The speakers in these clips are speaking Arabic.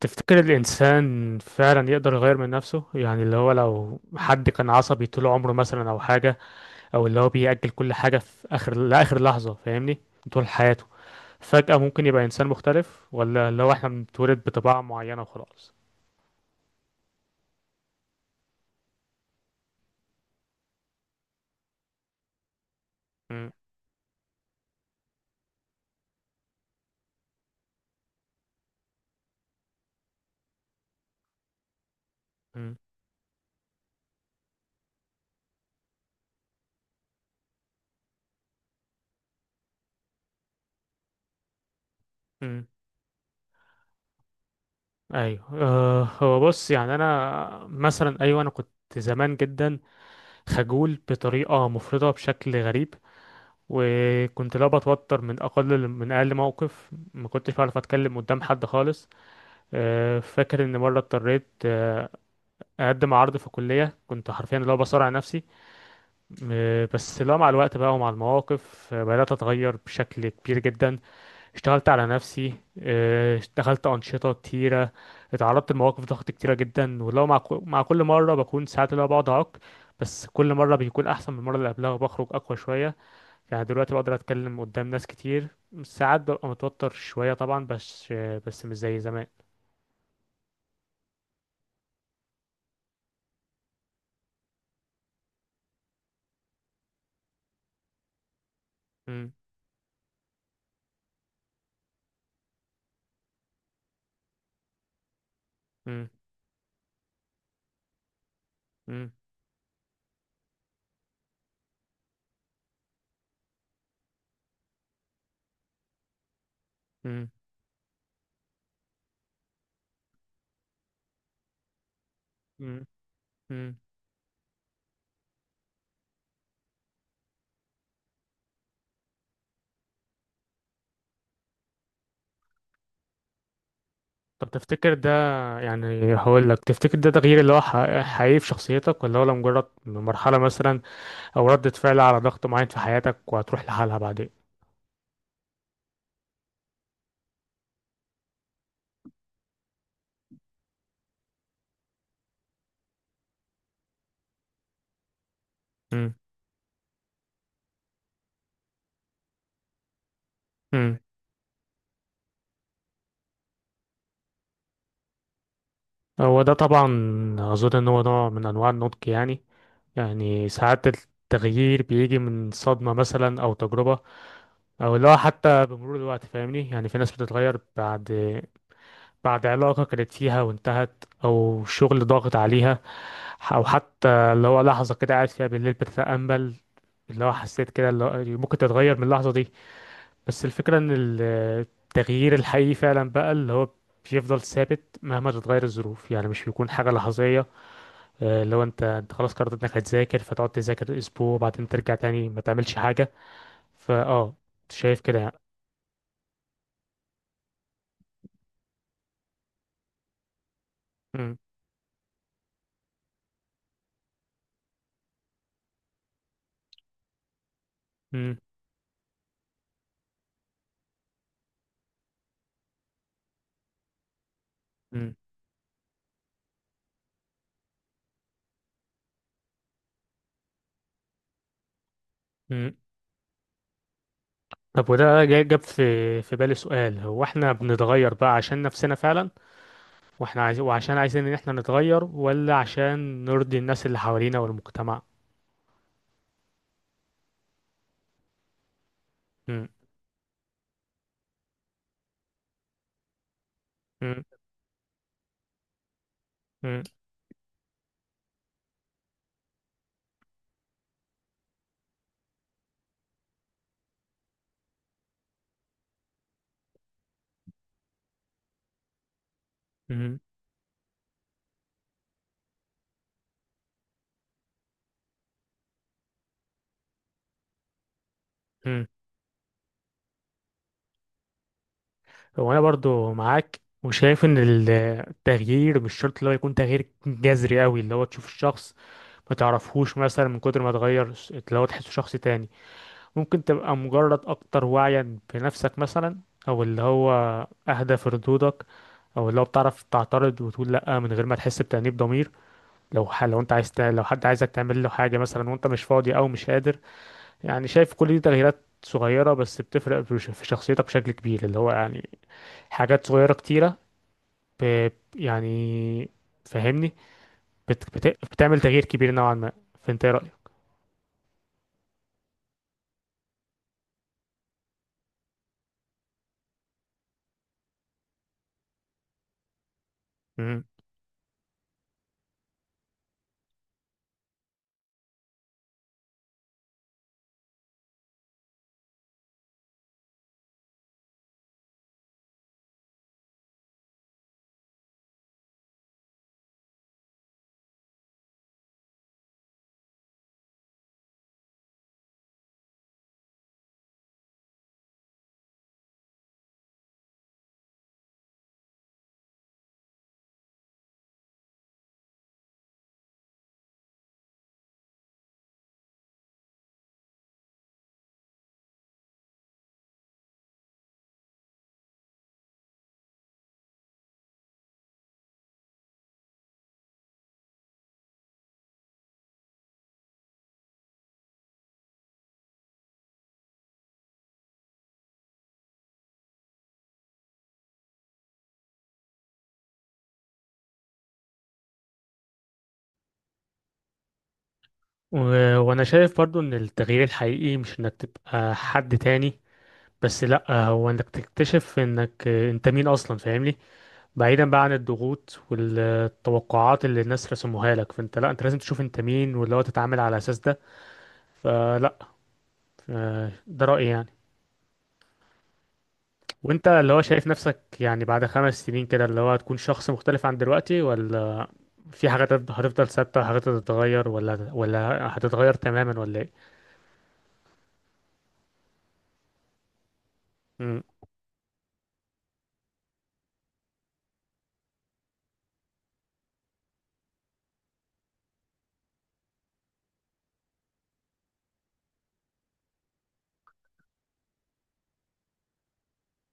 تفتكر الإنسان فعلا يقدر يغير من نفسه؟ يعني اللي هو لو حد كان عصبي طول عمره مثلا أو حاجة، أو اللي هو بيأجل كل حاجة في آخر لآخر لحظة، فاهمني، طول حياته، فجأة ممكن يبقى إنسان مختلف؟ ولا اللي هو إحنا بنتولد بطباع معينة وخلاص؟ م-. م-. م. أيوه، هو بص، يعني أنا مثلا، أيوه، أنا كنت زمان جدا خجول بطريقة مفرطة بشكل غريب، وكنت لا بتوتر من اقل موقف، ما كنتش بعرف اتكلم قدام حد خالص. فاكر ان مره اضطريت اقدم عرض في كليه، كنت حرفيا لا بصارع نفسي. بس لا، مع الوقت بقى ومع المواقف بدات اتغير بشكل كبير جدا. اشتغلت على نفسي، اشتغلت انشطه كتيره، اتعرضت لمواقف ضغط كتيره جدا، ولو مع مع كل مره بكون ساعات اللي هو بقعد اعك. بس كل مره بيكون احسن من المره اللي قبلها، وبخرج اقوى شويه. يعني دلوقتي بقدر اتكلم قدام ناس كتير، ساعات ببقى متوتر شوية طبعا، بس مش زي زمان. مم، مم، مم، مم، مم، مم. طب تفتكر ده، يعني هقول لك، تفتكر ده تغيير اللي هو حقيقي في شخصيتك، ولا هو مجرد مرحلة مثلا، أو ردة فعل على ضغط معين في حياتك وهتروح لحالها بعدين؟ مم، مم. هو ده طبعا، أظن إن هو نوع من أنواع النضج يعني. يعني ساعات التغيير بيجي من صدمة مثلا أو تجربة، او اللي هو حتى بمرور الوقت، فاهمني، يعني في ناس بتتغير بعد علاقة كانت فيها وانتهت، او شغل ضاغط عليها، او حتى اللي هو لحظة كده قاعد فيها بالليل بتتأمل، اللي هو حسيت كده اللي هو ممكن تتغير من اللحظة دي. بس الفكرة ان التغيير الحقيقي فعلا بقى اللي هو بيفضل ثابت مهما تتغير الظروف، يعني مش بيكون حاجة لحظية. اللي هو انت خلاص قررت انك هتذاكر فتقعد تذاكر اسبوع وبعدين ترجع تاني ما تعملش حاجة، فاه، شايف كده يعني. مم. مم. مم. مم. طب وده جاب في بالي سؤال، هو احنا بنتغير بقى عشان نفسنا فعلا، واحنا وعشان عايزين ان احنا نتغير، ولا عشان نرضي الناس اللي حوالينا والمجتمع؟ مم. مم. مم. مم. مم. هو انا برضو معاك وشايف ان التغيير مش شرط اللي هو يكون تغيير جذري قوي اللي هو تشوف الشخص ما تعرفهوش مثلا من كتر ما تغير، اللي هو تحسه شخص تاني. ممكن تبقى مجرد أكتر وعيا بنفسك مثلا، أو اللي هو أهدى في ردودك، أو اللي هو بتعرف تعترض وتقول لأ من غير ما تحس بتأنيب ضمير، لو ح... لو أنت عايز ت... لو حد عايزك تعمل له حاجة مثلا وأنت مش فاضي أو مش قادر. يعني شايف كل دي تغييرات صغيرة بس بتفرق في في شخصيتك بشكل كبير، اللي هو يعني حاجات صغيرة كتيرة، ب... يعني، فاهمني، بت... بت... بتعمل تغيير كبير نوعا ما. فأنت إيه رأيك؟ و- وانا شايف برضو ان التغيير الحقيقي مش انك تبقى حد تاني، بس لا، هو انك تكتشف انك انت مين اصلا، فاهمني. بعيدا بقى عن الضغوط والتوقعات اللي الناس رسموها لك، فانت لا، انت لازم تشوف انت مين واللي هو تتعامل على اساس ده، فلا. ده رأيي يعني. وانت اللي هو شايف نفسك، يعني بعد 5 سنين كده اللي هو هتكون شخص مختلف عن دلوقتي، ولا في حاجات هتفضل ثابتة، حاجات هتتغير، ولا هتتغير تماما، ولا ايه؟ مم،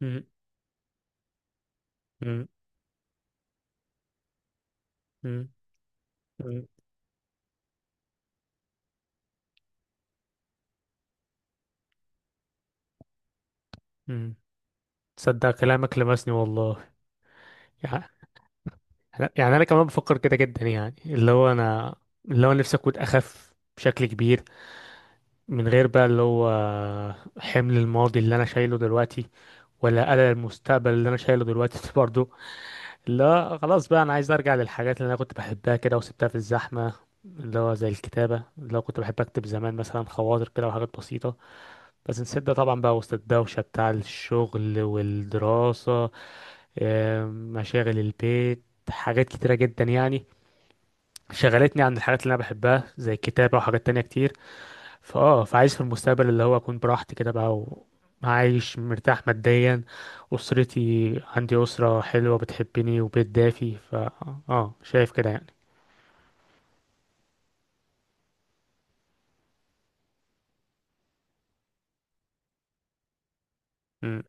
مم، مم، مم، امم تصدق كلامك لمسني والله. يعني، يعني انا كمان بفكر كده جدا، يعني اللي هو انا اللي هو نفسي اكون اخف بشكل كبير، من غير بقى اللي هو حمل الماضي اللي انا شايله دلوقتي، ولا قلق المستقبل اللي انا شايله دلوقتي برضه. اللي هو خلاص بقى انا عايز ارجع للحاجات اللي انا كنت بحبها كده وسبتها في الزحمة، اللي هو زي الكتابة، اللي هو كنت بحب اكتب زمان مثلا خواطر كده وحاجات بسيطة. بس نسيت ده طبعا بقى وسط الدوشة بتاع الشغل والدراسة، مشاغل البيت، حاجات كتيرة جدا يعني، شغلتني عن الحاجات اللي انا بحبها زي الكتابة وحاجات تانية كتير. فاه، فعايز في المستقبل اللي هو اكون براحتي كده بقى، وعايش مرتاح ماديا، اسرتي عندي اسرة حلوة بتحبني وبيت دافي، ف اه شايف كده يعني. مم،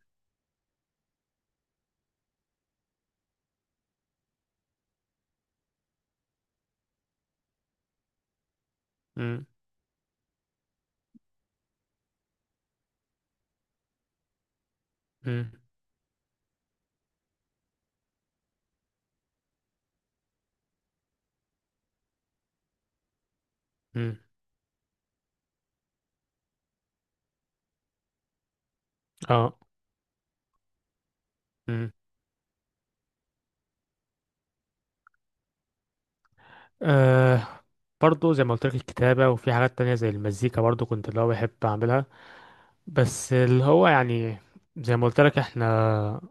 مم، مم، مم، اه، مم. آه برضو زي ما قلت لك الكتابة وفي حاجات تانية زي المزيكا برضو كنت اللي هو بحب أعملها. بس اللي هو يعني زي ما قلت لك، احنا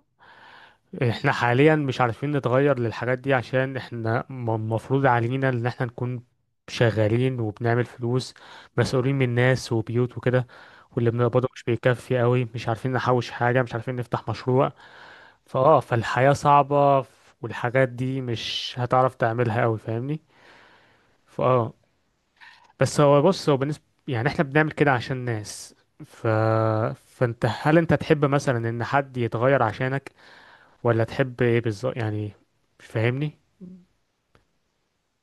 احنا حاليا مش عارفين نتغير للحاجات دي، عشان احنا المفروض علينا ان احنا نكون شغالين وبنعمل فلوس، مسؤولين من ناس وبيوت وكده، واللي بنقبضه مش بيكفي قوي، مش عارفين نحوش حاجة، مش عارفين نفتح مشروع. فاه، فالحياة صعبة، والحاجات دي مش هتعرف تعملها قوي، فاهمني، فاه. بس هو بص، هو بالنسبة يعني احنا بنعمل كده عشان ناس، ف... فانت هل انت تحب مثلا ان حد يتغير عشانك، ولا تحب ايه بالظبط يعني؟ مش فاهمني.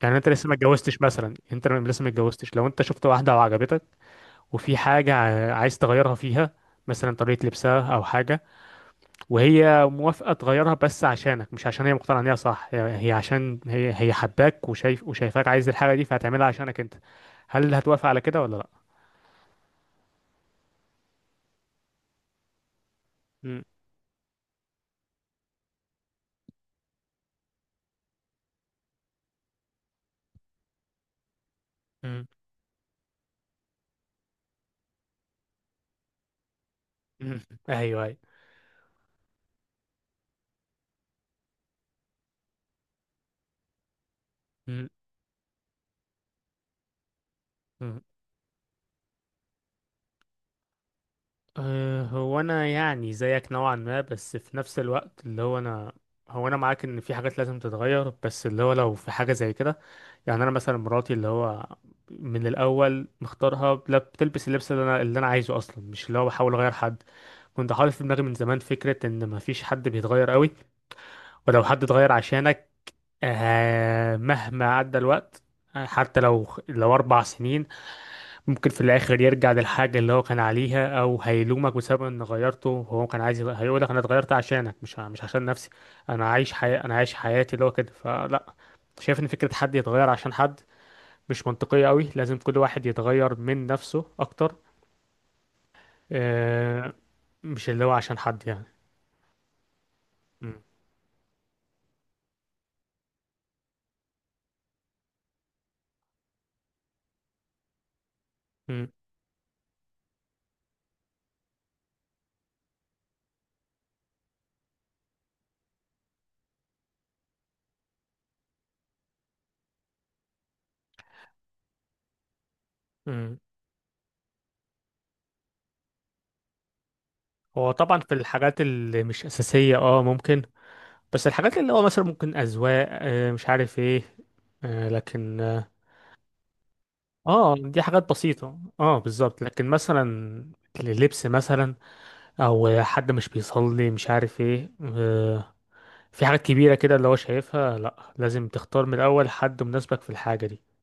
يعني انت لسه ما اتجوزتش مثلا، انت لسه ما اتجوزتش، لو انت شفت واحده وعجبتك وفي حاجه عايز تغيرها فيها، مثلا طريقه لبسها او حاجه، وهي موافقه تغيرها بس عشانك، مش عشان هي مقتنعه ان هي صح، هي عشان هي حباك، وشايفاك عايز الحاجه دي فهتعملها عشانك انت، هل هتوافق على كده ولا لا؟ مم. مم. مم. ايوه، ايوه. مم. مم. أه، هو انا يعني زيك نوعا ما، بس في نفس الوقت اللي هو انا، هو انا معاك ان في حاجات لازم تتغير، بس اللي هو لو في حاجه زي كده، يعني انا مثلا مراتي اللي هو من الاول مختارها لا بتلبس اللبس اللي انا عايزه اصلا، مش اللي هو بحاول اغير حد. كنت حاطط في دماغي من زمان فكره ان مفيش حد بيتغير قوي، ولو حد اتغير عشانك مهما عدى الوقت، حتى لو 4 سنين، ممكن في الاخر يرجع للحاجه اللي هو كان عليها، او هيلومك بسبب ان غيرته، هو كان عايز هيقولك انا اتغيرت عشانك، مش عشان نفسي، انا عايش حياتي اللي هو كده، فلا. شايف ان فكره حد يتغير عشان حد مش منطقية قوي، لازم كل واحد يتغير من نفسه أكتر. آه، مش اللي هو عشان حد يعني. مم. مم. مم. هو طبعا في الحاجات اللي مش أساسية اه ممكن. بس الحاجات اللي هو مثلا ممكن أذواق، مش عارف ايه، لكن اه، دي حاجات بسيطة اه بالظبط، لكن مثلا اللبس مثلا، أو حد مش بيصلي مش عارف ايه، في حاجات كبيرة كده اللي هو شايفها لأ، لازم تختار من الأول حد مناسبك في الحاجة دي.